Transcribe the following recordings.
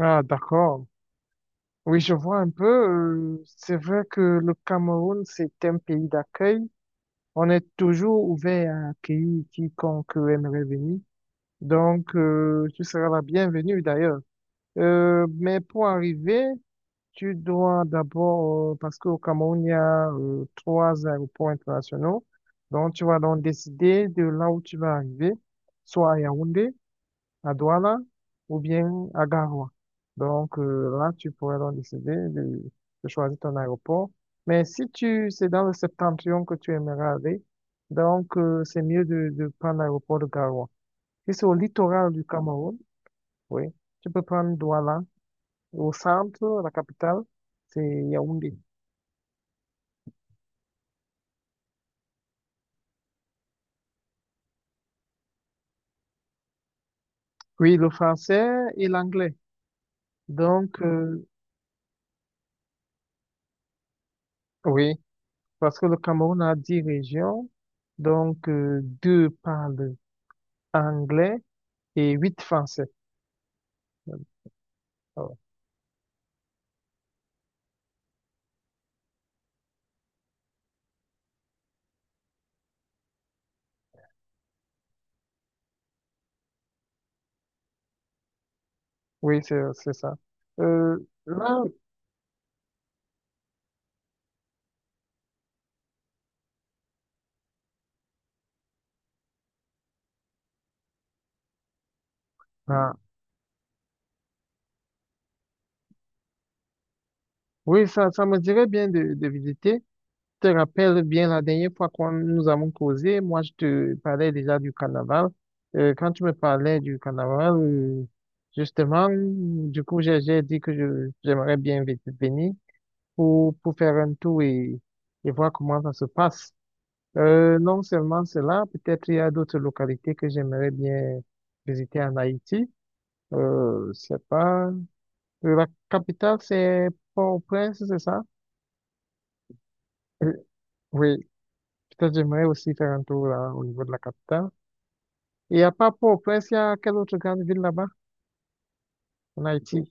Ah, d'accord. Oui, je vois un peu. C'est vrai que le Cameroun, c'est un pays d'accueil. On est toujours ouvert à accueillir quiconque aimerait venir. Donc, tu seras la bienvenue d'ailleurs. Mais pour arriver, tu dois d'abord, parce qu'au Cameroun, il y a 3 aéroports internationaux. Donc, tu vas donc décider de là où tu vas arriver, soit à Yaoundé, à Douala ou bien à Garoua. Là, tu pourrais donc décider de choisir ton aéroport. Mais si tu c'est dans le septentrion que tu aimerais aller, c'est mieux de prendre l'aéroport de Garoua. Si c'est au littoral du Cameroun, oui, tu peux prendre Douala. Au centre, la capitale, c'est Yaoundé. Oui, le français et l'anglais. Donc, oui, parce que le Cameroun a 10 régions, deux parlent anglais et 8 français. Oh, oui, c'est ça. Euh, Là, ah, oui, ça me dirait bien de visiter. Je te rappelle bien la dernière fois qu'on nous avons causé, moi je te parlais déjà du carnaval. Quand tu me parlais du carnaval, justement, du coup, j'ai dit que j'aimerais bien venir pour faire un tour et voir comment ça se passe. Non seulement cela, peut-être il y a d'autres localités que j'aimerais bien visiter en Haïti. C'est pas... La capitale, c'est Port-au-Prince, c'est ça? Euh, Oui, peut-être j'aimerais aussi faire un tour là, au niveau de la capitale. Il n'y a pas Port-au-Prince, il y a quelle autre grande ville là-bas? En Haïti.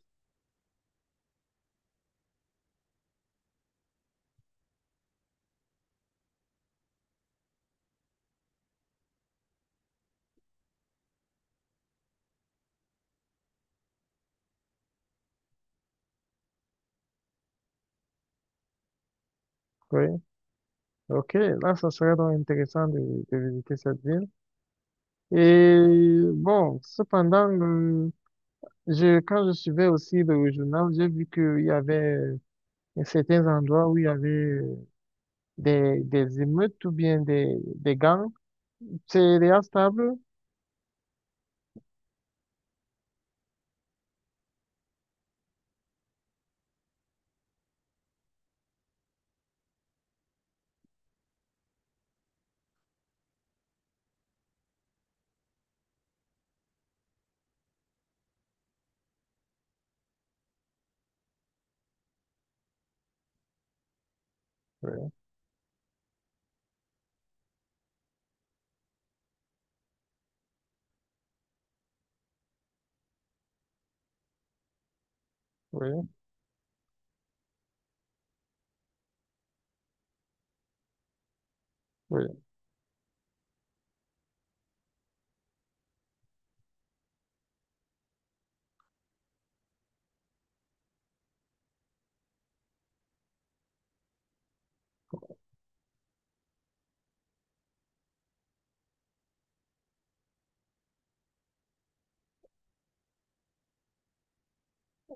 Oui. Ok, là, ça serait donc intéressant de visiter cette ville. Et bon, cependant, je, quand je suivais aussi le journal, j'ai vu qu'il y avait certains endroits où il y avait des émeutes ou bien des gangs Sería estable. Oui, oui, oui.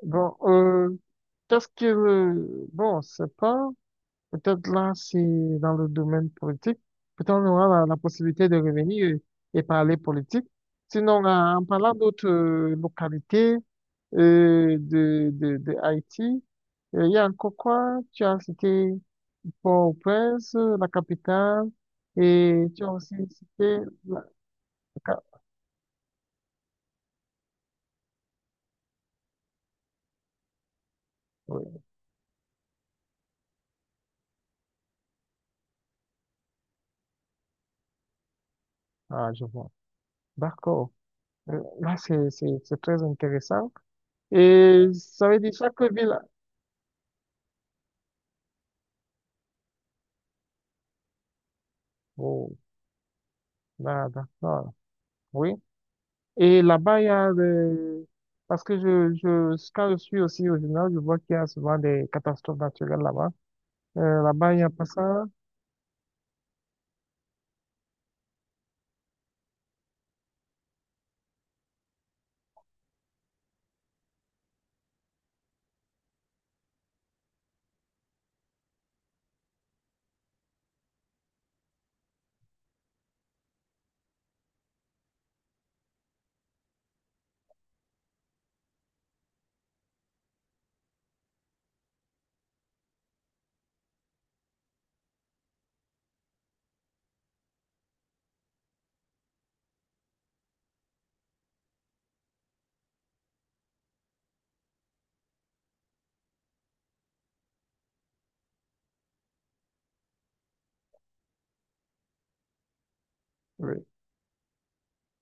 Bon, qu'est-ce que le... Bon, c'est pas... Peut-être là, si dans le domaine politique, peut-être on aura la possibilité de revenir et parler politique. Sinon, en en parlant d'autres localités de Haïti, il y a encore quoi? Tu as cité Port-au-Prince, la capitale, et tu as aussi cité la... ca- oui, ah, je vois. D'accord. Là, c'est très intéressant. Et ça veut dire chaque ville. Oh, là, d'accord. Oui. Et là-bas, il y a des, parce que quand je suis aussi au général, je vois qu'il y a souvent des catastrophes naturelles là-bas. Là-bas, il n'y a pas ça.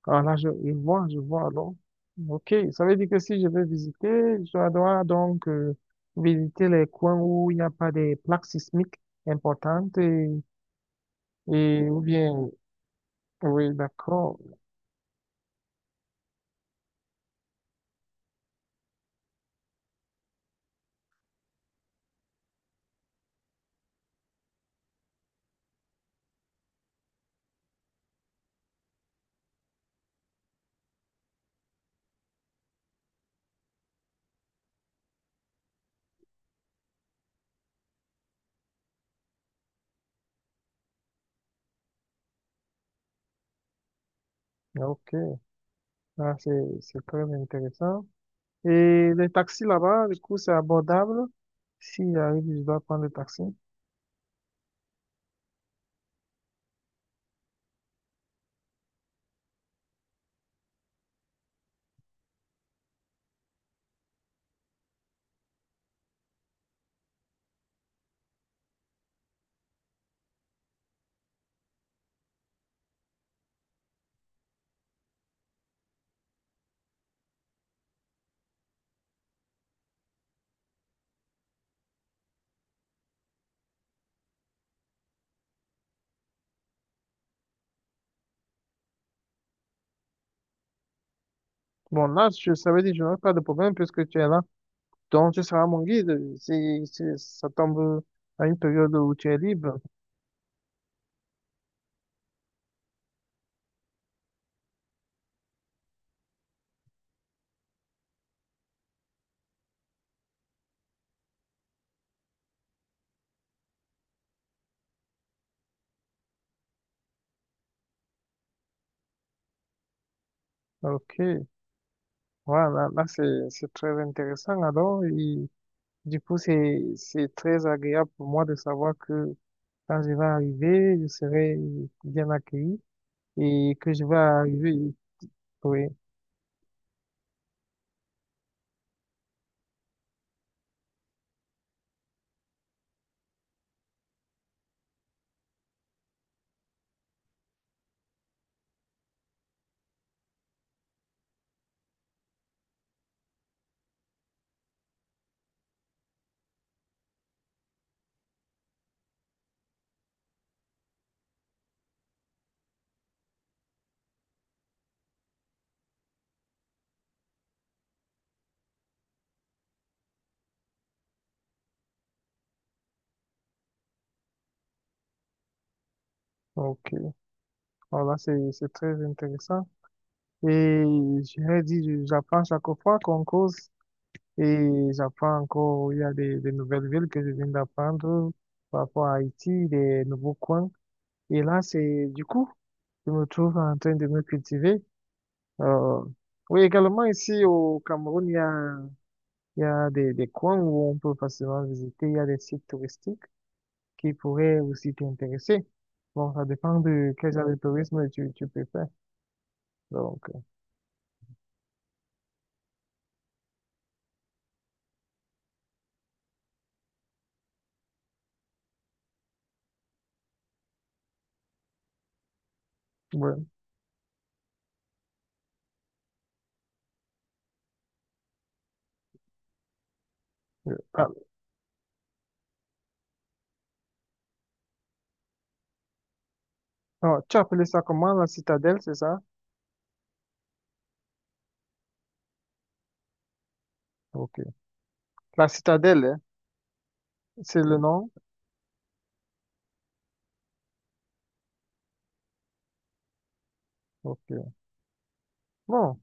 Ah là, je vois alors. Ok, ça veut dire que si je veux visiter, je dois donc visiter les coins où il n'y a pas des plaques sismiques importantes et ou bien, oui, d'accord. Ok, ah, c'est très intéressant. Et les taxis là-bas, du coup, c'est abordable. Si j'arrive, je dois prendre le taxi. Bon, là, je, ça veut dire que je n'aurai pas de problème puisque tu es là. Donc, tu seras mon guide. Ça tombe à une période où tu es libre. Ok. Voilà, là, là, c'est très intéressant alors et du coup c'est très agréable pour moi de savoir que quand je vais arriver, je serai bien accueilli et que je vais arriver. Oui, donc euh, voilà, c'est très intéressant. Et je dit, j'apprends chaque fois qu'on cause et j'apprends encore, il y a des nouvelles villes que je viens d'apprendre par rapport à Haïti, des nouveaux coins. Et là, c'est du coup, je me trouve en train de me cultiver. Euh, oui, également ici au Cameroun, il y a des coins où on peut facilement visiter. Il y a des sites touristiques qui pourraient aussi t'intéresser. Bon, ça dépend de quel genre de tourisme tu préfères. Donc, ouais. Euh, ah, ah, tu as appelé ça comment, la citadelle, c'est ça? Ok. La citadelle, hein, c'est le nom? Ok. Bon,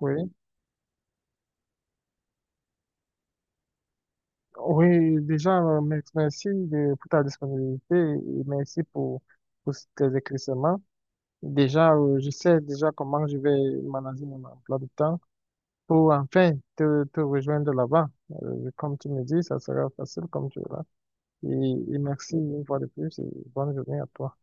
oui. Oui, déjà, merci pour ta disponibilité et merci pour tes éclaircissements. Déjà, je sais déjà comment je vais manager mon emploi de temps pour enfin te rejoindre là-bas. Comme tu me dis, ça sera facile comme tu verras. Et merci une fois de plus et bonne journée à toi.